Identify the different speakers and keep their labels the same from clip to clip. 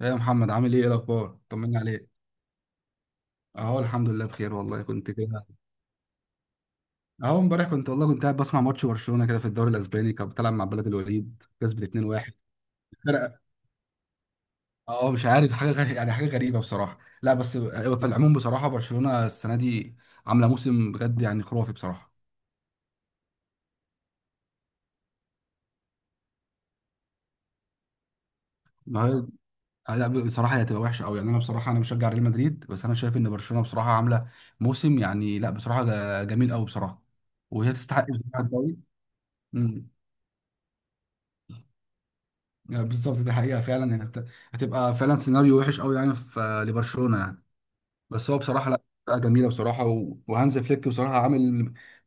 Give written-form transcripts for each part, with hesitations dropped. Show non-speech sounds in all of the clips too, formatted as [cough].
Speaker 1: ايه يا محمد عامل ايه إيه الاخبار طمني عليك. اهو الحمد لله بخير والله كنت كده. اهو امبارح كنت والله كنت قاعد بسمع ماتش برشلونه كده في الدوري الاسباني كانت بتلعب مع بلد الوليد كسبت 2-1. فرقه. اه مش عارف حاجه غريبة يعني حاجه غريبه بصراحه لا بس هو في العموم بصراحه برشلونه السنه دي عامله موسم بجد يعني خرافي بصراحه. ما هي آه لا بصراحه هي هتبقى وحشه قوي يعني انا بصراحه انا مشجع ريال مدريد بس انا شايف ان برشلونه بصراحه عامله موسم يعني لا بصراحه جميل قوي بصراحه. وهي تستحق بصراحة الدوري. مم. بالظبط دي حقيقة فعلا يعني هتبقى فعلا سيناريو وحش قوي يعني في لبرشلونة يعني. بس هو بصراحة لا فرقة جميلة بصراحة وهانز فليك بصراحة عامل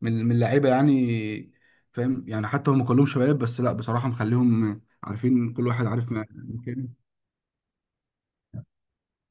Speaker 1: من لعيبة يعني. فاهم يعني حتى هم كلهم شباب بس لا بصراحة مخليهم عارفين كل واحد عارف مكانه.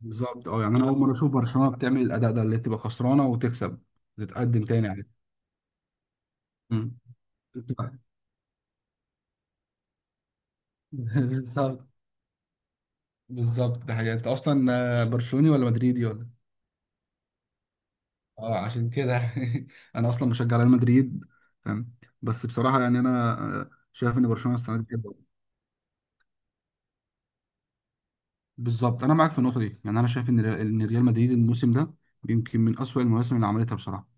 Speaker 1: بالظبط اه يعني انا اول مرة اشوف برشلونة بتعمل الاداء ده اللي تبقى خسرانة وتكسب تتقدم تاني يعني. مم. [laughs] بالظبط. بالظبط ده حقيقة انت اصلا برشلوني ولا مدريدي ولا اه عشان كده. [laughs] انا اصلا بشجع ريال مدريد فاهم. بس بصراحه يعني انا شايف ان برشلونه السنه دي كده. بالظبط انا معاك في النقطه دي يعني انا شايف ان ان ريال مدريد الموسم ده يمكن من اسوأ المواسم اللي عملتها بصراحه.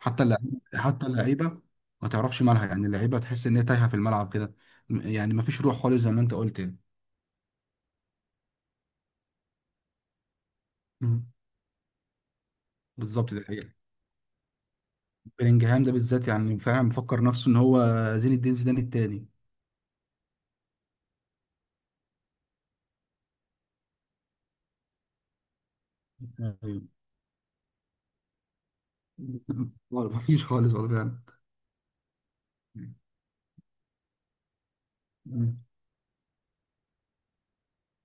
Speaker 1: حتى اللعيبه ما تعرفش مالها يعني اللعيبه تحس ان هي تايهه في الملعب كده. يعني ما فيش روح خالص زي ما انت قلت يعني. مم. بالظبط ده حقيقة. بلينجهام ده بالذات يعني فعلا مفكر نفسه ان هو زين الدين زيدان التاني. ايوه [laughs] مفيش خالص والله فعلا. مم.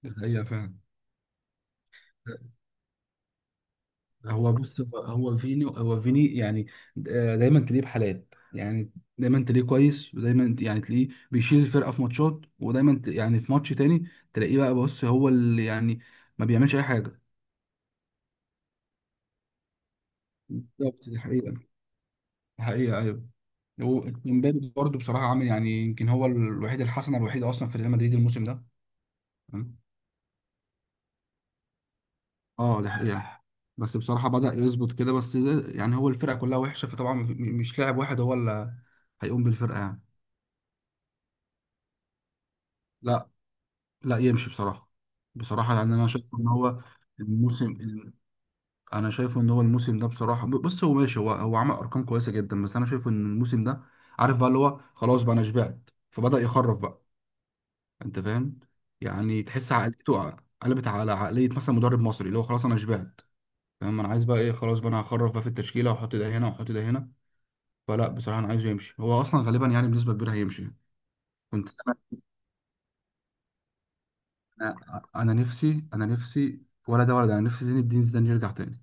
Speaker 1: دي حقيقة فعلا. هو بص هو فيني هو فيني يعني. دايما تلاقيه بحالات يعني. دايما تلاقيه كويس ودايما يعني تلاقيه بيشيل الفرقة في ماتشات ودايما يعني في ماتش تاني تلاقيه بقى بص هو اللي يعني ما بيعملش أي حاجة. بالظبط دي حقيقة، حقيقة أيوه. ومبابي برضه بصراحة عامل يعني يمكن هو الوحيد الحسنة الوحيدة أصلا في ريال مدريد الموسم ده. اه دي حقيقة. بس بصراحة بدأ يظبط كده بس يعني هو الفرقة كلها وحشة فطبعا مش لاعب واحد هو اللي هيقوم بالفرقة يعني. لا لا يمشي بصراحة. بصراحة يعني أنا شايف إن هو الموسم، أنا شايفه إن هو الموسم ده بصراحة بص هو ماشي هو عمل أرقام كويسة جدا بس أنا شايفه إن الموسم ده عارف بقى اللي هو خلاص بقى أنا شبعت فبدأ يخرف بقى. أنت فاهم يعني تحس عقليته قلبت على عقلية مثلا مدرب مصري اللي هو خلاص أنا شبعت فاهم. أنا عايز بقى إيه خلاص بقى أنا هخرف بقى في التشكيلة وأحط ده هنا وأحط ده هنا. فلا بصراحة أنا عايزه يمشي هو أصلا غالبا يعني بنسبة كبيرة هيمشي. كنت أنا أنا نفسي ولا ده ولا ده أنا نفسي زين الدين زيدان يرجع تاني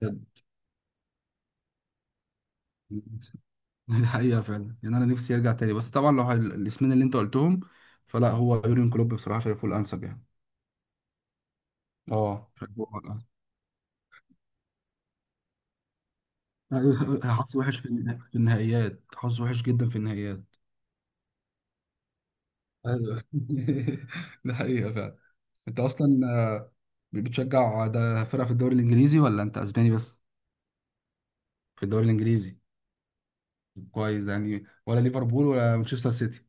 Speaker 1: بجد. [laughs] دي حقيقة فعلا يعني أنا نفسي يرجع تاني بس طبعا لو الاسمين اللي أنت قلتهم فلا هو يورين كلوب بصراحة شايفه الأنسب يعني. اه شايفه هو الأنسب. أيوه، حظ وحش في في النهائيات حظ وحش جدا في النهائيات. ايوه [laughs] ده حقيقة فعلا. أنت أصلا بتشجع ده فرقة في الدوري الإنجليزي ولا أنت أسباني بس؟ في الدوري الإنجليزي. كويس يعني ولا ليفربول ولا مانشستر سيتي.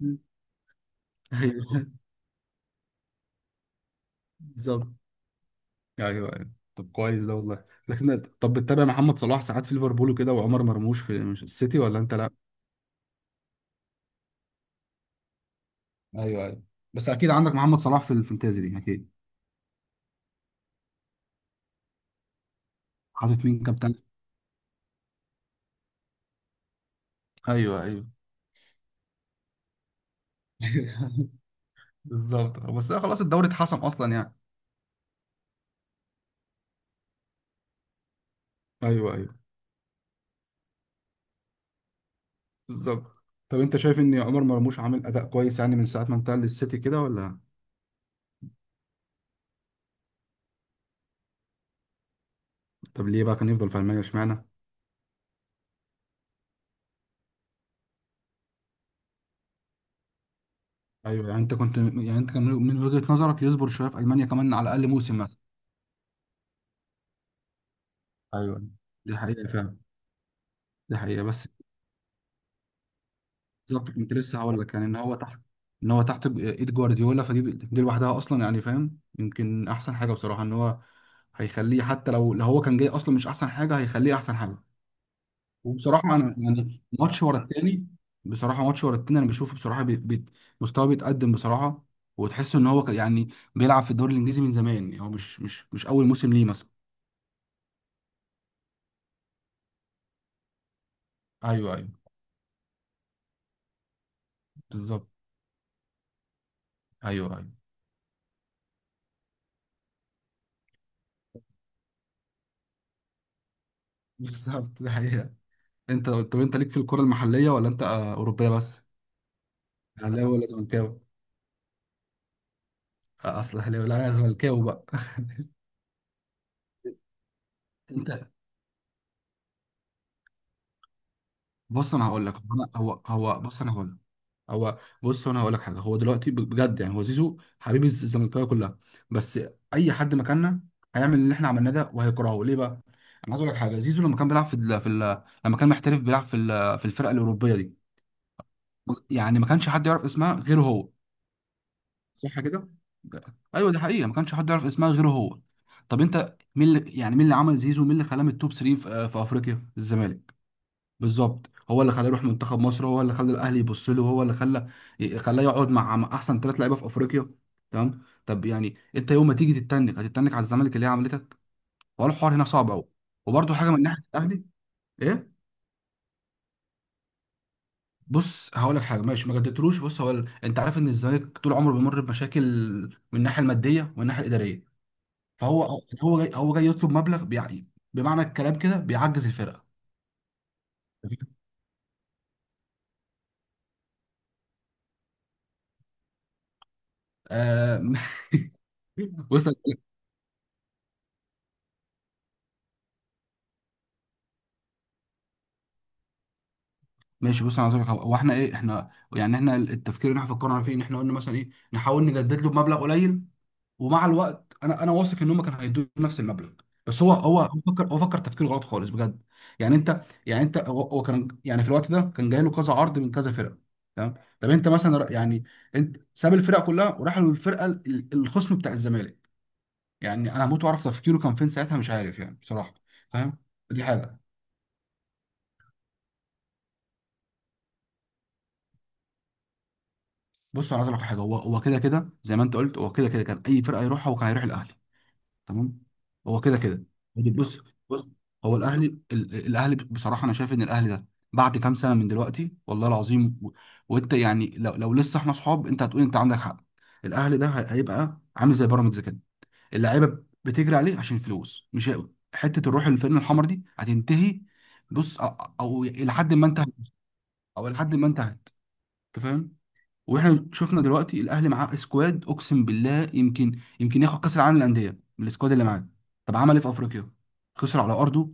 Speaker 1: مم. ايوه [laughs] بالظبط. ايوه ايوه. طب كويس ده والله لكن طب بتتابع محمد صلاح ساعات في ليفربول وكده وعمر مرموش في السيتي ولا انت لا. ايوه ايوه. بس اكيد عندك محمد صلاح في الفانتازي دي اكيد. حاطط مين كابتن. ايوه ايوه. [laughs] بالظبط بس أنا خلاص الدوري اتحسم اصلا يعني. ايوه ايوه. بالظبط. طب انت شايف ان عمر مرموش عامل اداء كويس يعني من ساعه ما انتقل للسيتي كده ولا. طب ليه بقى كان يفضل في المانيا اشمعنى. ايوه يعني انت كنت يعني انت كان من وجهة نظرك يصبر شويه في المانيا كمان على الاقل موسم مثلا. ايوه دي حقيقه فعلا. دي حقيقه بس. بالظبط كنت لسه هقول لك يعني ان هو تحت ان هو تحت ايد جوارديولا فدي لوحدها اصلا يعني فاهم يمكن احسن حاجه بصراحه ان هو هيخليه حتى لو هو كان جاي اصلا مش احسن حاجه هيخليه احسن حاجه. وبصراحه انا يعني ماتش ورا التاني. بصراحه ماتش ورا التاني انا بشوفه بصراحه بي بي مستواه بيتقدم بصراحه. وتحس ان هو يعني بيلعب في الدوري الانجليزي من زمان يعني هو مش اول موسم ليه مثلا. ايوه ايوه. بالظبط. ايوه ايوه. بالظبط دي حقيقة. انت طب انت ليك في الكرة المحلية ولا انت اوروبية بس؟ اهلاوي ولا زملكاوي؟ اصل اهلاوي لا انا زملكاوي بقى. [laughs] انت بص انا هقول لك هو انا هو بص انا هقول لك. هو بص انا هقول لك حاجه هو دلوقتي بجد يعني هو زيزو حبيب الزملكاويه كلها. بس اي حد مكاننا هيعمل اللي احنا عملناه ده وهيكرهه ليه بقى؟ انا عايز اقول لك حاجه زيزو لما كان بيلعب في ال... لما كان محترف بيلعب في في الفرقه الاوروبيه دي يعني ما كانش حد يعرف اسمها غيره هو. صح كده؟ ايوه دي حقيقه ما كانش حد يعرف اسمها غيره هو. طب انت مين اللي يعني مين اللي عمل زيزو مين اللي خلاه من التوب 3 في في افريقيا الزمالك. بالظبط هو اللي خلاه يروح منتخب مصر هو اللي خلى الاهلي يبص له هو اللي خلى خلاه يقعد مع مع احسن ثلاث لعيبه في افريقيا. تمام طب يعني انت يوم ما تيجي تتنك هتتنك على الزمالك اللي هي عملتك هو الحوار هنا صعب قوي. وبرده حاجه من ناحيه الاهلي ايه. بص هقول لك حاجه ماشي ما جددتلوش بص هو انت عارف ان الزمالك طول عمره بيمر بمشاكل من الناحيه الماديه والناحيه الاداريه. فهو هو جاي يطلب مبلغ بيعني بمعنى الكلام كده بيعجز الفرقه. آه، [laughs] بص ماشي بص انا عايز اقول لك حاجة. هو احنا ايه احنا يعني احنا التفكير اللي احنا فكرنا فيه ان احنا قلنا مثلا ايه نحاول نجدد له بمبلغ قليل ومع الوقت انا واثق ان هم كانوا هيدوا نفس المبلغ. بس هو فكر تفكير غلط خالص بجد. يعني انت يعني انت هو كان يعني في الوقت ده كان جاي له كذا عرض من كذا فرقه. تمام طب انت مثلا يعني انت ساب الفرق كلها وراح للفرقه الخصم بتاع الزمالك يعني انا هموت واعرف تفكيره كان فين ساعتها مش عارف يعني بصراحه. فاهم دي حاجه. بص انا عايز اقول لك على حاجه هو كده كده زي ما انت قلت هو كده كده كان اي فرقه يروحها هو كان هيروح الاهلي. تمام هو كده كده. بص بص هو الاهلي الاهلي بصراحه انا شايف ان الاهلي ده بعد كام سنه من دلوقتي والله العظيم وانت يعني لو لسه احنا اصحاب انت هتقول انت عندك حق. الاهلي ده هيبقى عامل زي بيراميدز كده اللعيبه بتجري عليه عشان فلوس مش حته الروح الفرقه الحمر دي هتنتهي. بص او أو الى حد ما انتهت او لحد ما انتهت انت فاهم. واحنا شفنا دلوقتي الاهلي معاه سكواد اقسم بالله يمكن ياخد كاس العالم للانديه من السكواد اللي معاه. طب عمل ايه في افريقيا. خسر على ارضه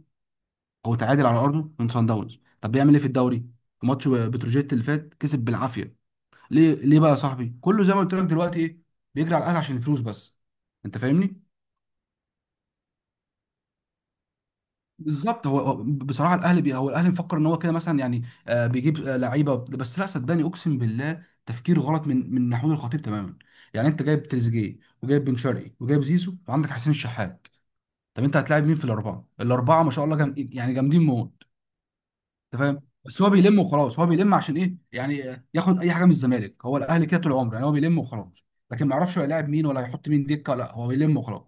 Speaker 1: او تعادل على ارضه من سان داونز. طب بيعمل ايه في الدوري. في ماتش بتروجيت اللي فات كسب بالعافيه. ليه بقى يا صاحبي كله زي ما قلت لك دلوقتي ايه بيجري على الاهلي عشان الفلوس بس. انت فاهمني. بالظبط هو بصراحه الاهلي بي هو الاهلي مفكر ان هو كده مثلا يعني آه بيجيب آه لعيبه بس لا صدقني اقسم بالله تفكير غلط من محمود الخطيب تماما. يعني انت جايب تريزيجيه وجايب بن شرقي وجايب زيزو وعندك حسين الشحات. طب انت هتلاعب مين في الاربعه؟ الاربعه ما شاء الله جم... يعني جامدين موت. انت فاهم بس هو بيلم وخلاص هو بيلم عشان ايه يعني ياخد اي حاجه من الزمالك هو الاهلي كده طول عمره يعني هو بيلم وخلاص. لكن ما يعرفش هو هيلاعب مين ولا هيحط مين دكه لا هو بيلم وخلاص.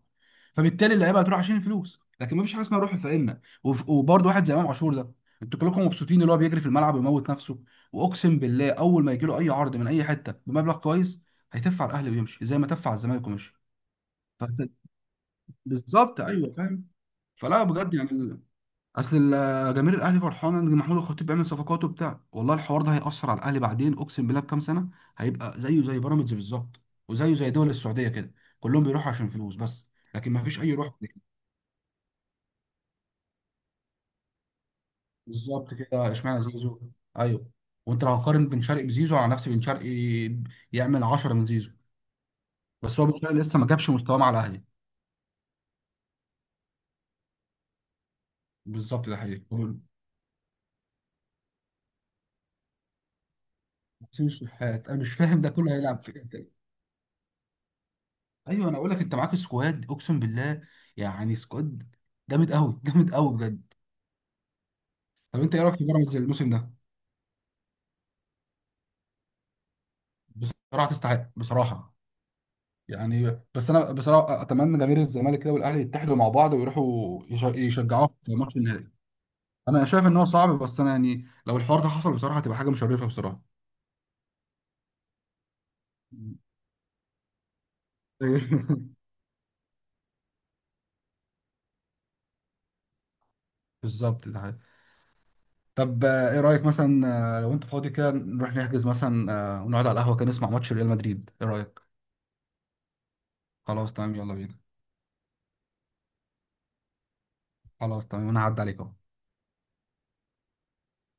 Speaker 1: فبالتالي اللعيبه هتروح عشان الفلوس لكن ما فيش حاجه اسمها روح فقيرنا وبرضه واحد زي امام عاشور ده انتوا كلكم مبسوطين اللي هو بيجري في الملعب ويموت نفسه. واقسم بالله اول ما يجي له اي عرض من اي حته بمبلغ كويس هيتف على الاهلي ويمشي زي ما تف على الزمالك ومشي. فأنت- بالظبط ايوه فاهم. فلا بجد يعني اصل جماهير الاهلي فرحانه ان محمود الخطيب بيعمل صفقات وبتاع والله الحوار ده هيأثر على الاهلي بعدين اقسم بالله بكام سنه هيبقى زيه زي بيراميدز بالظبط. وزيه زي دول السعوديه كده كلهم بيروحوا عشان فلوس بس لكن ما فيش اي روح. بالظبط كده اشمعنى زيزو. ايوه. وانت لو هتقارن بن شرقي بزيزو على نفسي بن شرقي يعمل 10 من زيزو. بس هو بن شرقي لسه ما جابش مستواه مع الاهلي. بالظبط ده حقيقي. وحسين الشحات انا مش فاهم ده كله هيلعب في. ايوه انا اقول لك انت معاك سكواد اقسم بالله يعني سكواد جامد قوي. [laughs] جامد قوي بجد. طب انت ايه رايك في بيراميدز الموسم ده. بصراحه تستحق بصراحه. يعني بس انا بصراحه اتمنى جماهير الزمالك كده والاهلي يتحدوا مع بعض ويروحوا يشجعوه في ماتش النهائي. انا شايف ان هو صعب بس انا يعني لو الحوار ده حصل بصراحه هتبقى حاجه مشرفه بصراحه. [laughs] بالظبط ده حقيقي. طب ايه رايك مثلا لو انت فاضي كده نروح نحجز مثلا ونقعد على القهوه كده نسمع ماتش ريال مدريد ايه رايك. خلاص تمام يلا بينا. خلاص تمام انا هعدي عليك اهو.